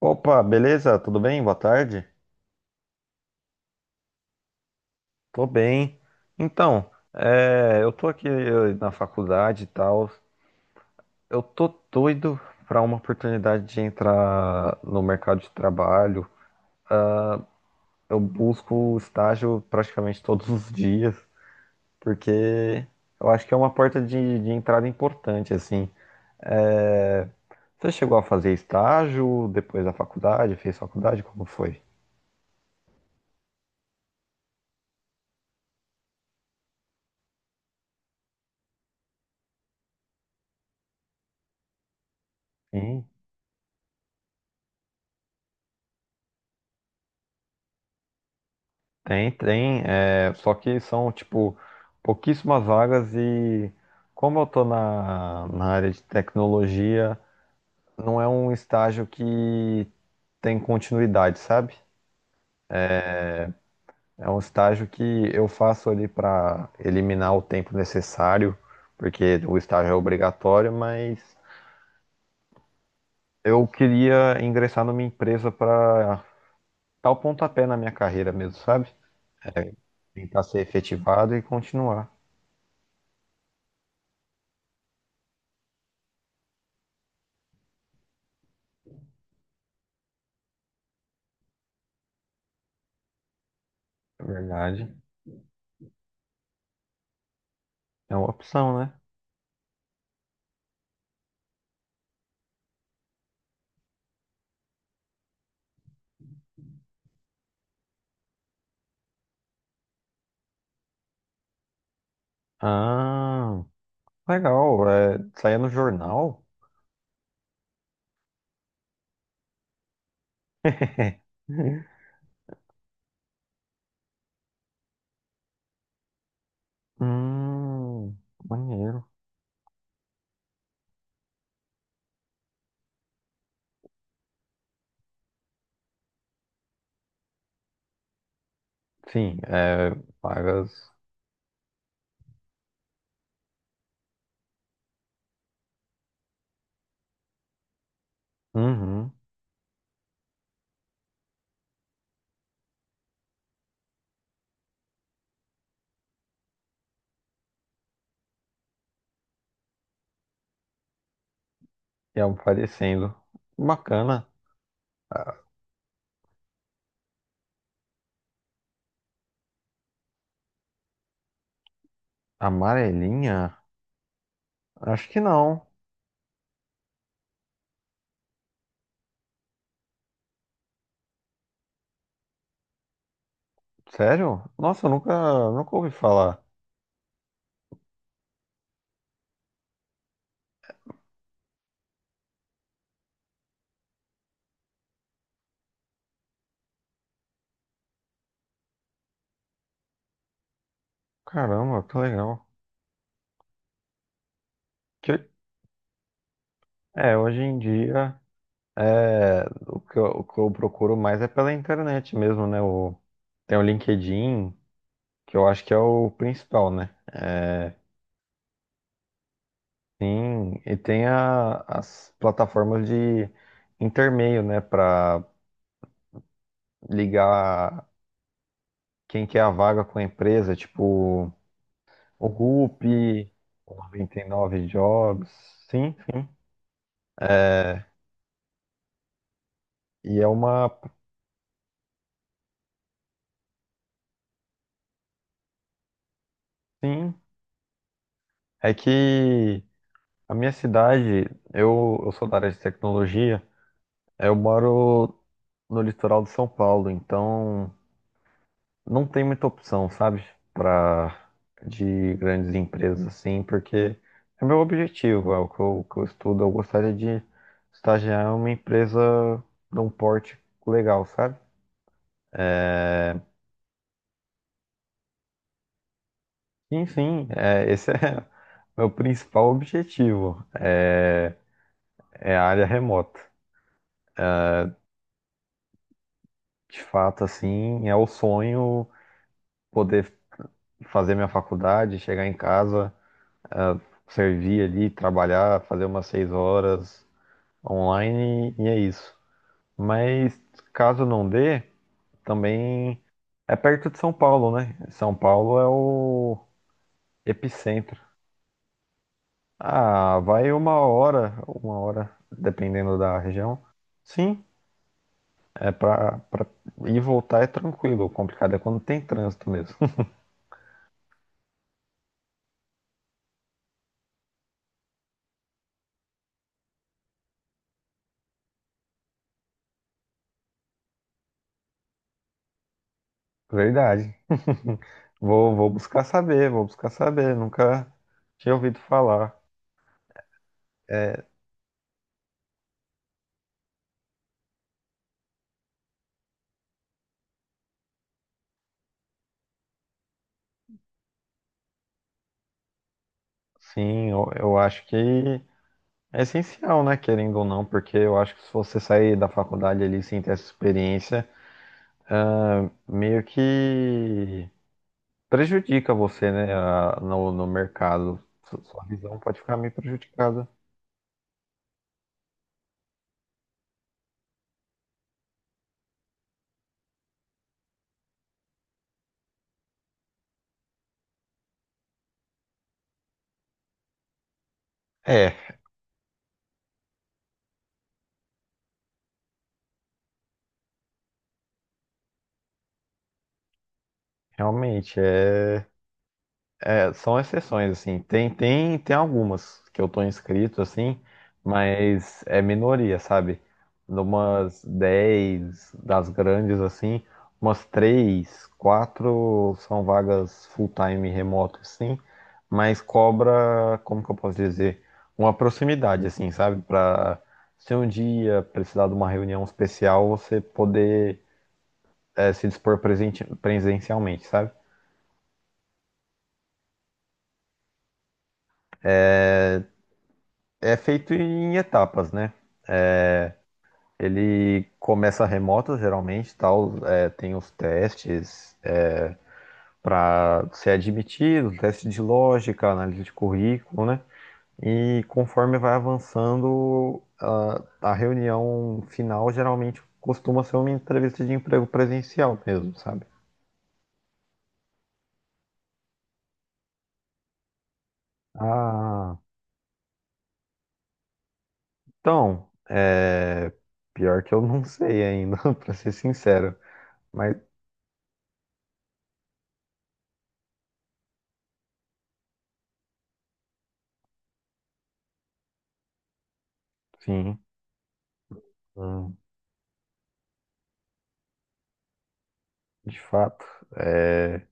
Opa, beleza? Tudo bem? Boa tarde. Tô bem. Então, é, eu tô aqui na faculdade e tal. Eu tô doido pra uma oportunidade de entrar no mercado de trabalho. Eu busco estágio praticamente todos os dias, porque eu acho que é uma porta de entrada importante, assim. É, você chegou a fazer estágio depois da faculdade? Fez faculdade? Como foi? Sim. Tem, tem, é, só que são, tipo, pouquíssimas vagas e como eu tô na área de tecnologia, não é um estágio que tem continuidade, sabe? É um estágio que eu faço ali para eliminar o tempo necessário, porque o estágio é obrigatório, mas eu queria ingressar numa empresa para dar o pontapé na minha carreira mesmo, sabe? É, tentar ser efetivado e continuar. É verdade. É uma opção, né? Ah, legal. É, saía no jornal? Hum, maneiro. Sim, é, vagas. Uhum, iam aparecendo. Bacana. Amarelinha? Acho que não. Sério? Nossa, eu nunca, nunca ouvi falar. Caramba, que legal. Que- É, hoje em dia, é, o que eu procuro mais é pela internet mesmo, né? Tem o LinkedIn, que eu acho que é o principal, né? É, sim, e tem as plataformas de intermeio, né, para ligar quem quer a vaga com a empresa, tipo o Rupi, o 99 Jobs, sim, sim. É, e é uma, sim, é que a minha cidade, eu sou da área de tecnologia, eu moro no litoral de São Paulo, então não tem muita opção, sabe? Pra, de grandes empresas, assim, porque é meu objetivo, é que eu estudo. Eu gostaria de estagiar em uma empresa de um porte legal, sabe? Enfim, é, esse é meu principal objetivo, é a área remota. De fato, assim, é o sonho poder fazer minha faculdade, chegar em casa, ah, servir ali, trabalhar, fazer umas 6 horas, online e é isso. Mas caso não dê, também é perto de São Paulo, né? São Paulo é o epicentro. Ah, vai uma hora, dependendo da região. Sim, é pra ir e voltar é tranquilo. O complicado é quando tem trânsito mesmo. Verdade. Vou buscar saber, vou buscar saber. Nunca tinha ouvido falar. É, sim, eu acho que é essencial, né, querendo ou não, porque eu acho que se você sair da faculdade ali sem ter essa experiência, meio que prejudica você, né, no mercado. Sua visão pode ficar meio prejudicada. É, realmente, é. É, são exceções, assim. Tem algumas que eu tô inscrito, assim, mas é minoria, sabe? Numas 10 das grandes, assim, umas 3 4 são vagas full-time remoto, assim, mas cobra, como que eu posso dizer? Uma proximidade, assim, sabe? Pra se um dia precisar de uma reunião especial, você poder, é, se dispor presente, presencialmente, sabe? É feito em etapas, né? Ele começa remoto, geralmente, tal, é, tem os testes para ser admitido, teste de lógica, análise de currículo, né? E conforme vai avançando, a reunião final geralmente costuma ser uma entrevista de emprego presencial mesmo, sabe? Ah, então, é, pior que eu não sei ainda, para ser sincero. Mas, sim, hum, de fato, é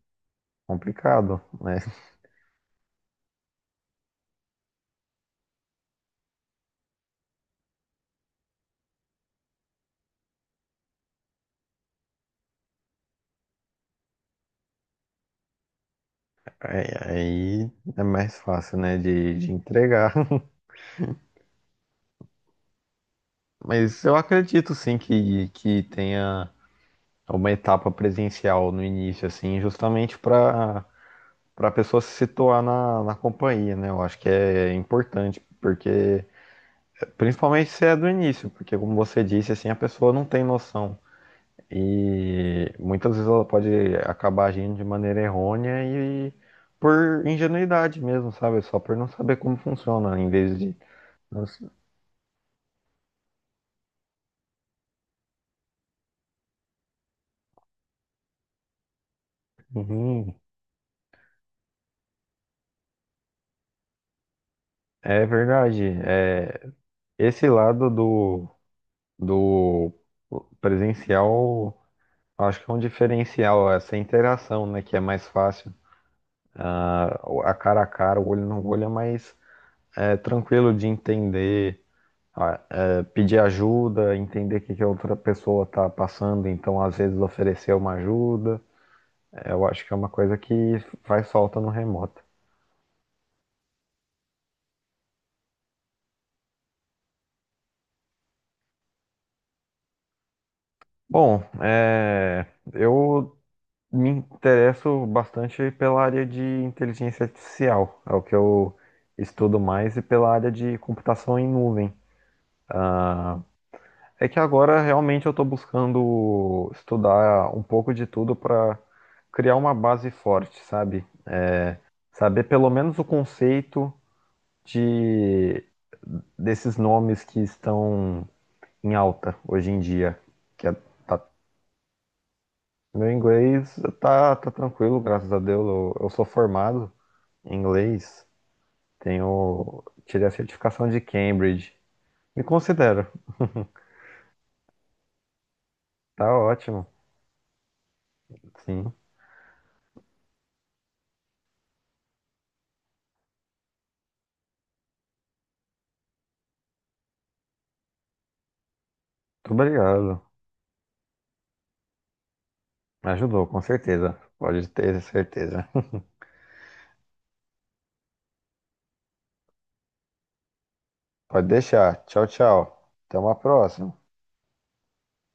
complicado, né? Aí, aí é mais fácil, né, de entregar. Mas eu acredito sim que tenha uma etapa presencial no início, assim, justamente para a pessoa se situar na companhia, né? Eu acho que é importante, porque principalmente se é do início, porque como você disse, assim, a pessoa não tem noção. E muitas vezes ela pode acabar agindo de maneira errônea e por ingenuidade mesmo, sabe? Só por não saber como funciona, em vez de assim, Uhum, é verdade. É, esse lado do presencial, acho que é um diferencial, essa interação, né, que é mais fácil. Ah, a cara, o olho no olho é mais é, tranquilo de entender, ah, é, pedir ajuda, entender o que que a outra pessoa está passando, então às vezes oferecer uma ajuda. É, eu acho que é uma coisa que faz falta no remoto. Bom, é, eu me interesso bastante pela área de inteligência artificial, é o que eu estudo mais, e pela área de computação em nuvem. É que agora realmente eu estou buscando estudar um pouco de tudo para criar uma base forte, sabe? Saber pelo menos o conceito de desses nomes que estão em alta hoje em dia. Que é- tá- Meu inglês tá tranquilo, graças a Deus. Eu sou formado em inglês. Tirei a certificação de Cambridge. Me considero. Tá ótimo. Sim. Muito obrigado. Me ajudou, com certeza. Pode ter certeza. Pode deixar. Tchau, tchau. Até uma próxima.